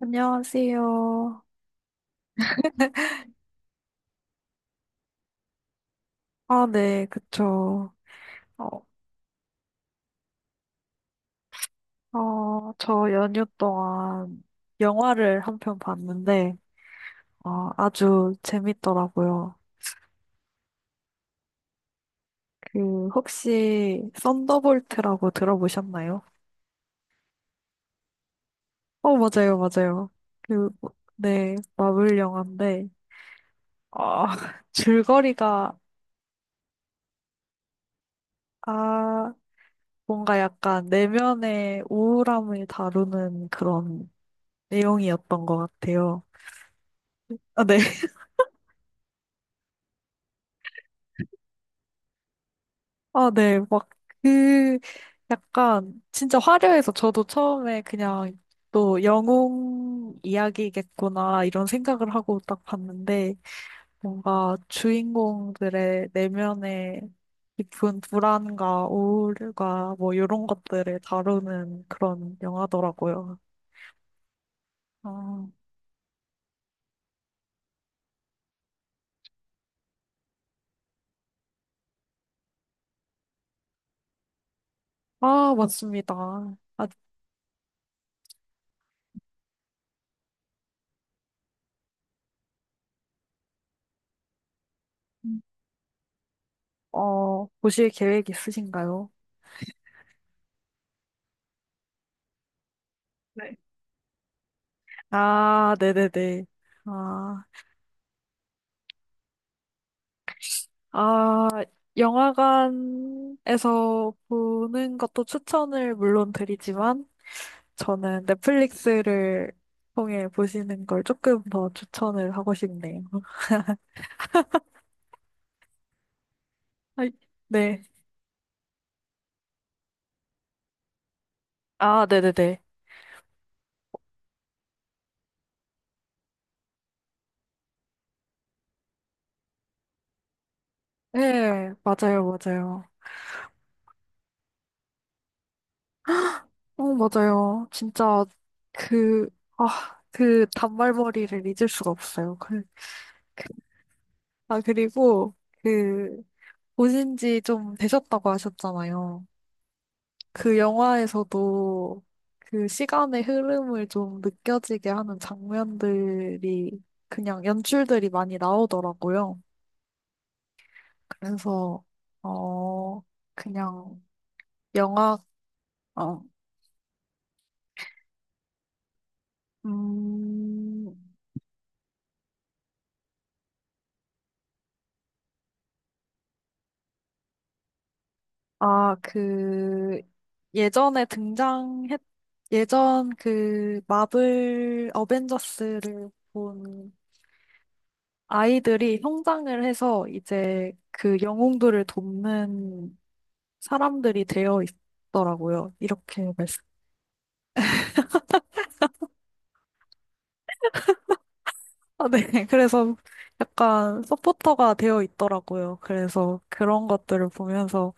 안녕하세요. 아, 네, 그쵸. 어, 저 연휴 동안 영화를 한 편 봤는데, 아주 재밌더라고요. 그, 혹시, 썬더볼트라고 들어보셨나요? 어, 맞아요, 맞아요. 그, 네, 마블 영화인데, 아, 줄거리가, 아, 뭔가 약간 내면의 우울함을 다루는 그런 내용이었던 것 같아요. 아, 네. 아, 네. 막, 그, 약간, 진짜 화려해서 저도 처음에 그냥 또 영웅 이야기겠구나, 이런 생각을 하고 딱 봤는데, 뭔가 주인공들의 내면의 깊은 불안과 우울과 뭐, 이런 것들을 다루는 그런 영화더라고요. 아, 아, 맞습니다. 아, 음, 어, 보실 계획 있으신가요? 네. 아, 네네네. 아. 아, 영화관에서 보는 것도 추천을 물론 드리지만, 저는 넷플릭스를 통해 보시는 걸 조금 더 추천을 하고 싶네요. 아, 네. 아, 네네네. 네, 맞아요, 맞아요. 어, 맞아요. 진짜 그, 아, 그 단발머리를 잊을 수가 없어요. 그, 아, 그리고 그, 보신 지 좀 되셨다고 하셨잖아요. 그 영화에서도 그 시간의 흐름을 좀 느껴지게 하는 장면들이 그냥 연출들이 많이 나오더라고요. 그래서 어 그냥 영화 어 음, 아, 그 예전에 등장했 예전 그 마블 어벤져스를 본 아이들이 성장을 해서 이제 그 영웅들을 돕는 사람들이 되어 있더라고요. 이렇게 말씀. 아, 네. 그래서 약간 서포터가 되어 있더라고요. 그래서 그런 것들을 보면서,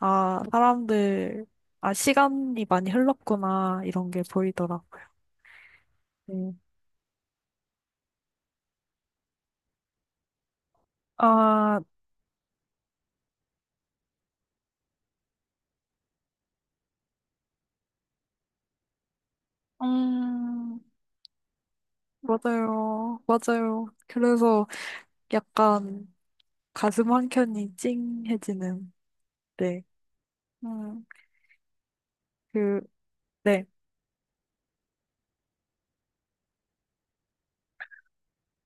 아, 사람들, 아, 시간이 많이 흘렀구나, 이런 게 보이더라고요. 네. 아, 음, 맞아요. 맞아요. 그래서 약간 가슴 한 켠이 찡해지는, 네. 음, 그, 네.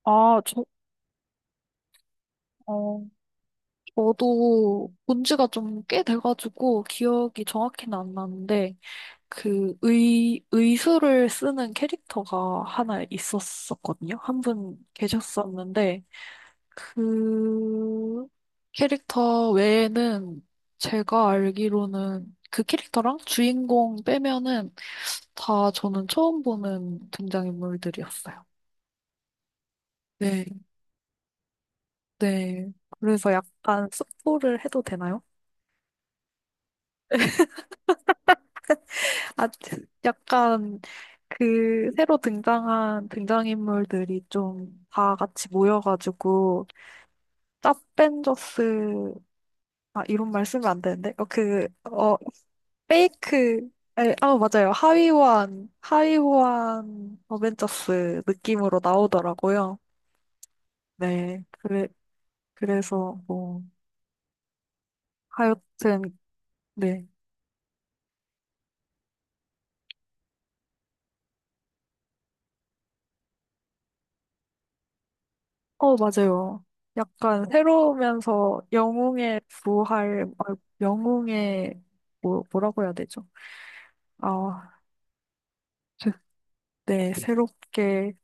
아, 저, 어, 저도 본 지가 좀 꽤 돼가지고 기억이 정확히는 안 나는데 그 의수를 쓰는 캐릭터가 하나 있었었거든요. 한 분 계셨었는데 그 캐릭터 외에는 제가 알기로는 그 캐릭터랑 주인공 빼면은 다 저는 처음 보는 등장인물들이었어요. 네, 네. 그래서 약간 스포를 해도 되나요? 아, 약간 그 새로 등장한 등장인물들이 좀 다 같이 모여가지고 짭벤져스 아 이런 말 쓰면 안 되는데 페이크 에, 아 맞아요 하위호환 어벤져스 느낌으로 나오더라고요. 네 그래 그래서 뭐 하여튼 네 어, 맞아요. 약간 새로우면서 영웅의 부활, 아, 영웅의, 뭐, 뭐라고 해야 되죠? 아, 그- 네, 새롭게,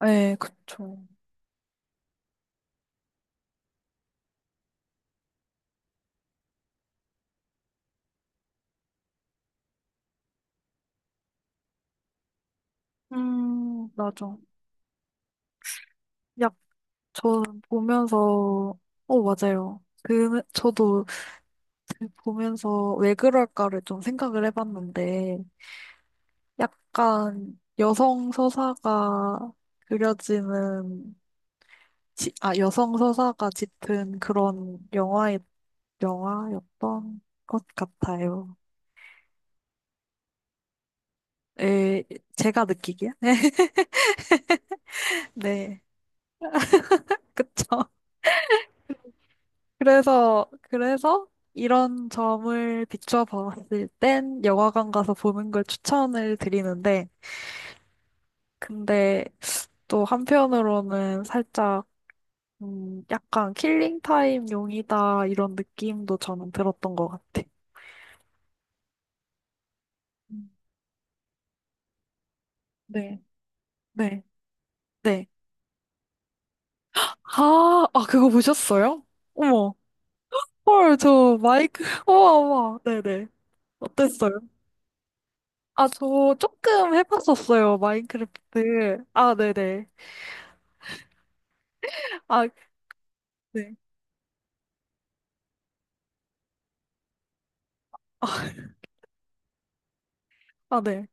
네, 그쵸. 맞아. 약, 저 보면서, 어, 맞아요. 그, 저도 보면서 왜 그럴까를 좀 생각을 해봤는데, 약간 여성 서사가 그려지는, 지- 아, 여성 서사가 짙은 그런 영화에 영화였던 것 같아요. 에, 제가 느끼기에. 네, 그쵸. 그래서, 이런 점을 비추어 봤을 땐 영화관 가서 보는 걸 추천을 드리는데, 근데 또 한편으로는 살짝, 약간 킬링 타임 용이다, 이런 느낌도 저는 들었던 것 같아. 음, 네, 네, 네. 아, 아, 그거 보셨어요? 어머. 헐, 저 마이크, 우와, 우와. 네네. 어땠어요? 아, 저 조금 해봤었어요. 마인크래프트. 아, 네네. 아, 네. 아, 아, 네.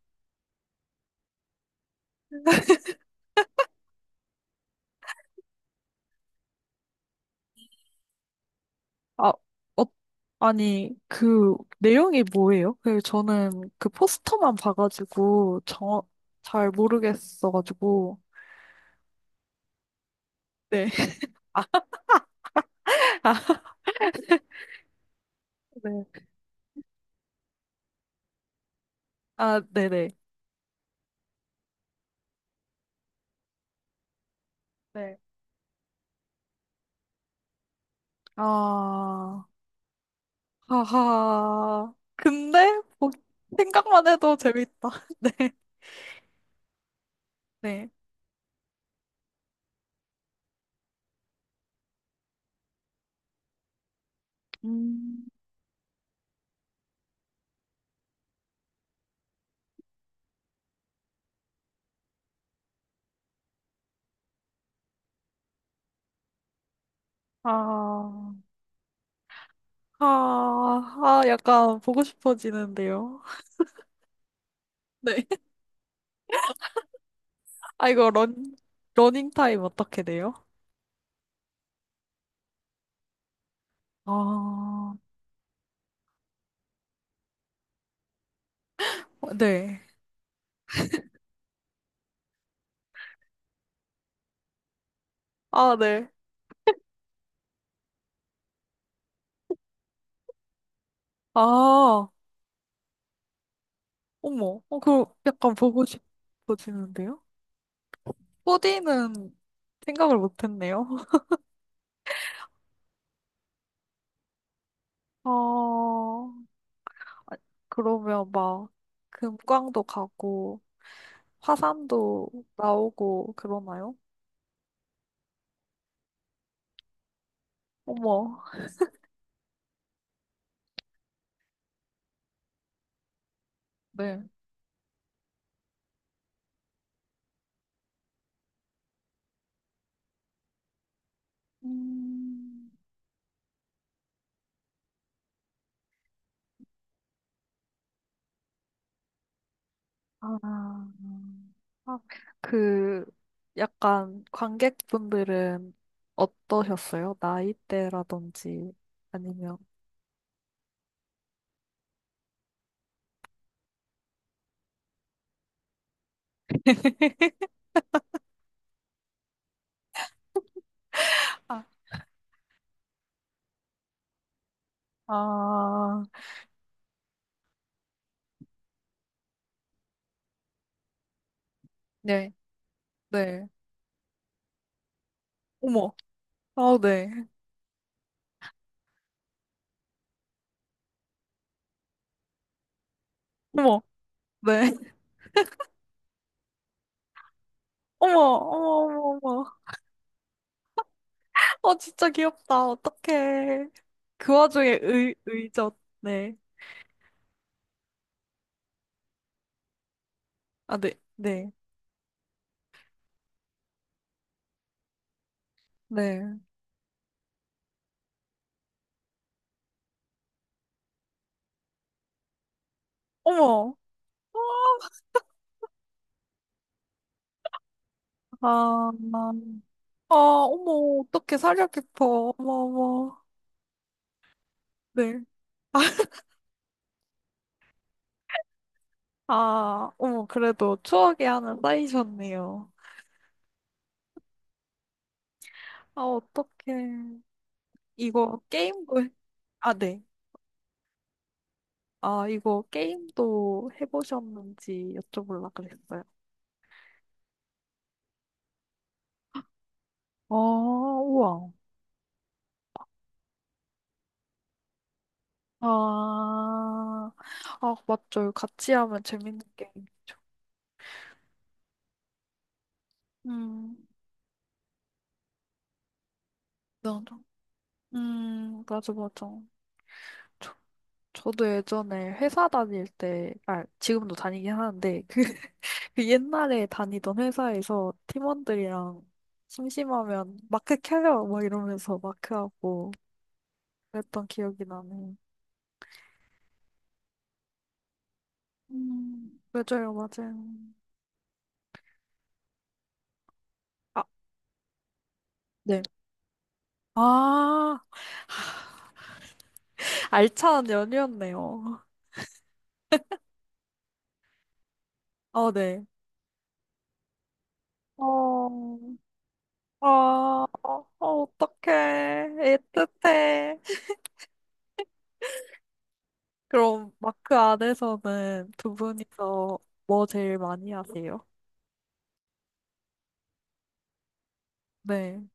아, 어, 아니, 그 내용이 뭐예요? 그 저는 그 포스터만 봐가지고 정, 잘 모르겠어가지고. 네. 아, 네. 아, 네네. 네. 아, 하하. 근데 뭐, 생각만 해도 재밌다. 네. 네. 음, 아. 아, 아, 약간 보고 싶어지는데요. 네. 아, 이거 런, 러닝 타임 어떻게 돼요? 아, 네. 아, 네. 아, 어머. 어, 그 약간 보고 싶어지는데요? 코디는 생각을 못했네요. 어, 아, 그러면 막 금광도 가고 화산도 나오고 그러나요? 어머. 네. 음. 아, 아, 그, 약간 관객분들은 어떠셨어요? 나이대라든지 아니면, 아, 아, 네, 네. 어머, 아, 네. 어머, 네. 어머, 어머, 어머, 어머. 어, 진짜 귀엽다. 어떡해. 그 와중에 의젓. 네. 아, 네, 네, 네. 어머. 아, 아, 어머, 어떻게 살려 깊어. 어머, 어머. 네. 아, 아, 어머, 그래도 추억이 하나 쌓이셨네요. 아, 어떡해. 이거 게임도, 해- 아, 네. 아, 이거 게임도 해보셨는지 여쭤보려고 그랬어요. 아, 우와. 아, 아, 맞죠. 같이 하면 재밌는 게임. 음, 맞아. 맞아, 맞아. 저도 예전에 회사 다닐 때, 아, 지금도 다니긴 하는데, 그, 그 옛날에 다니던 회사에서 팀원들이랑 심심하면 마크 켜요! 막 이러면서 마크하고 그랬던 기억이 나네요. 맞아요, 맞아요. 아, 네. 아, 알찬 연휴였네요. 아, 네. 어, 아, 어, 어떡해. 애틋해. 그럼 마크 안에서는 두 분이서 뭐 제일 많이 하세요? 네.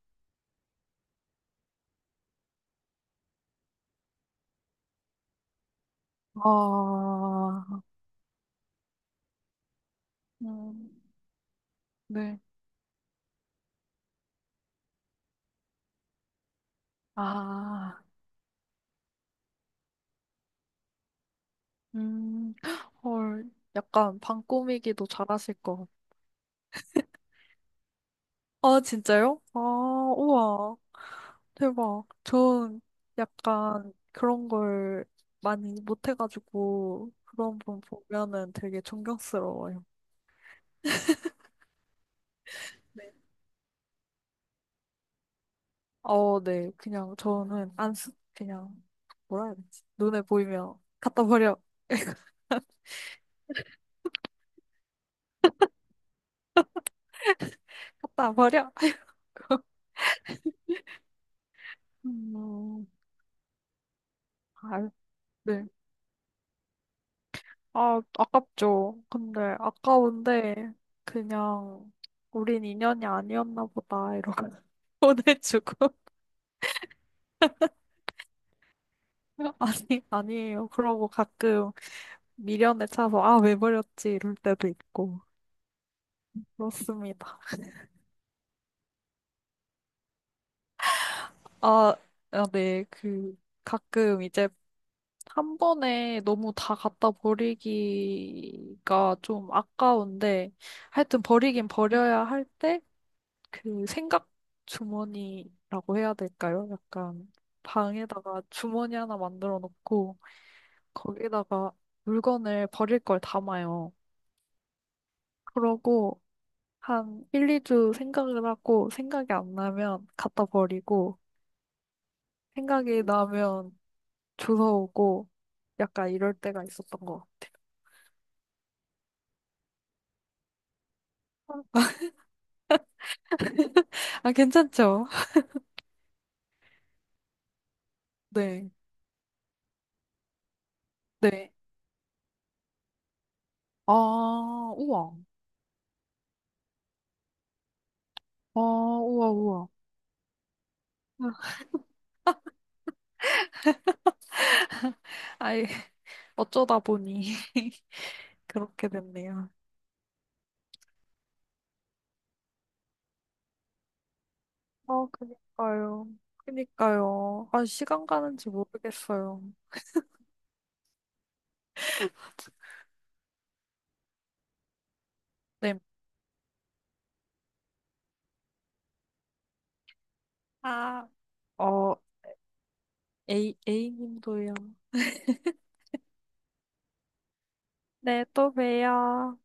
아, 음, 네. 아, 음, 헐, 약간 방꾸미기도 잘하실 것 같아요. 아, 진짜요? 아, 우와, 대박. 전 약간 그런 걸 많이 못해가지고 그런 분 보면은 되게 존경스러워요. 어, 네. 그냥 저는 안 쓰, 그냥 뭐라 해야 되지? 눈에 보이면 갖다 버려. 갖다 버려. 음, 아, 네. 아, 아깝죠. 근데 아까운데 그냥 우린 인연이 아니었나 보다 이러고 보내주고. 아니 아니에요. 그러고 가끔 미련에 차서 아, 왜 버렸지 이럴 때도 있고 그렇습니다. 아, 아, 네. 그 가끔 이제 한 번에 너무 다 갖다 버리기가 좀 아까운데, 하여튼 버리긴 버려야 할 때, 그 생각 주머니라고 해야 될까요? 약간 방에다가 주머니 하나 만들어 놓고, 거기다가 물건을 버릴 걸 담아요. 그러고, 한 1, 2주 생각을 하고, 생각이 안 나면 갖다 버리고, 생각이 나면 주워 오고, 약간 이럴 때가 있었던 것 같아요. 아, 괜찮죠? 네. 네. 아, 우와. 아, 우와, 우와. 아이, 어쩌다 보니 그렇게 됐네요. 아, 그니까요. 그니까요. 아, 시간 가는지 모르겠어요. 네. 아, 어, A, A님도요. 네, 또 봬요.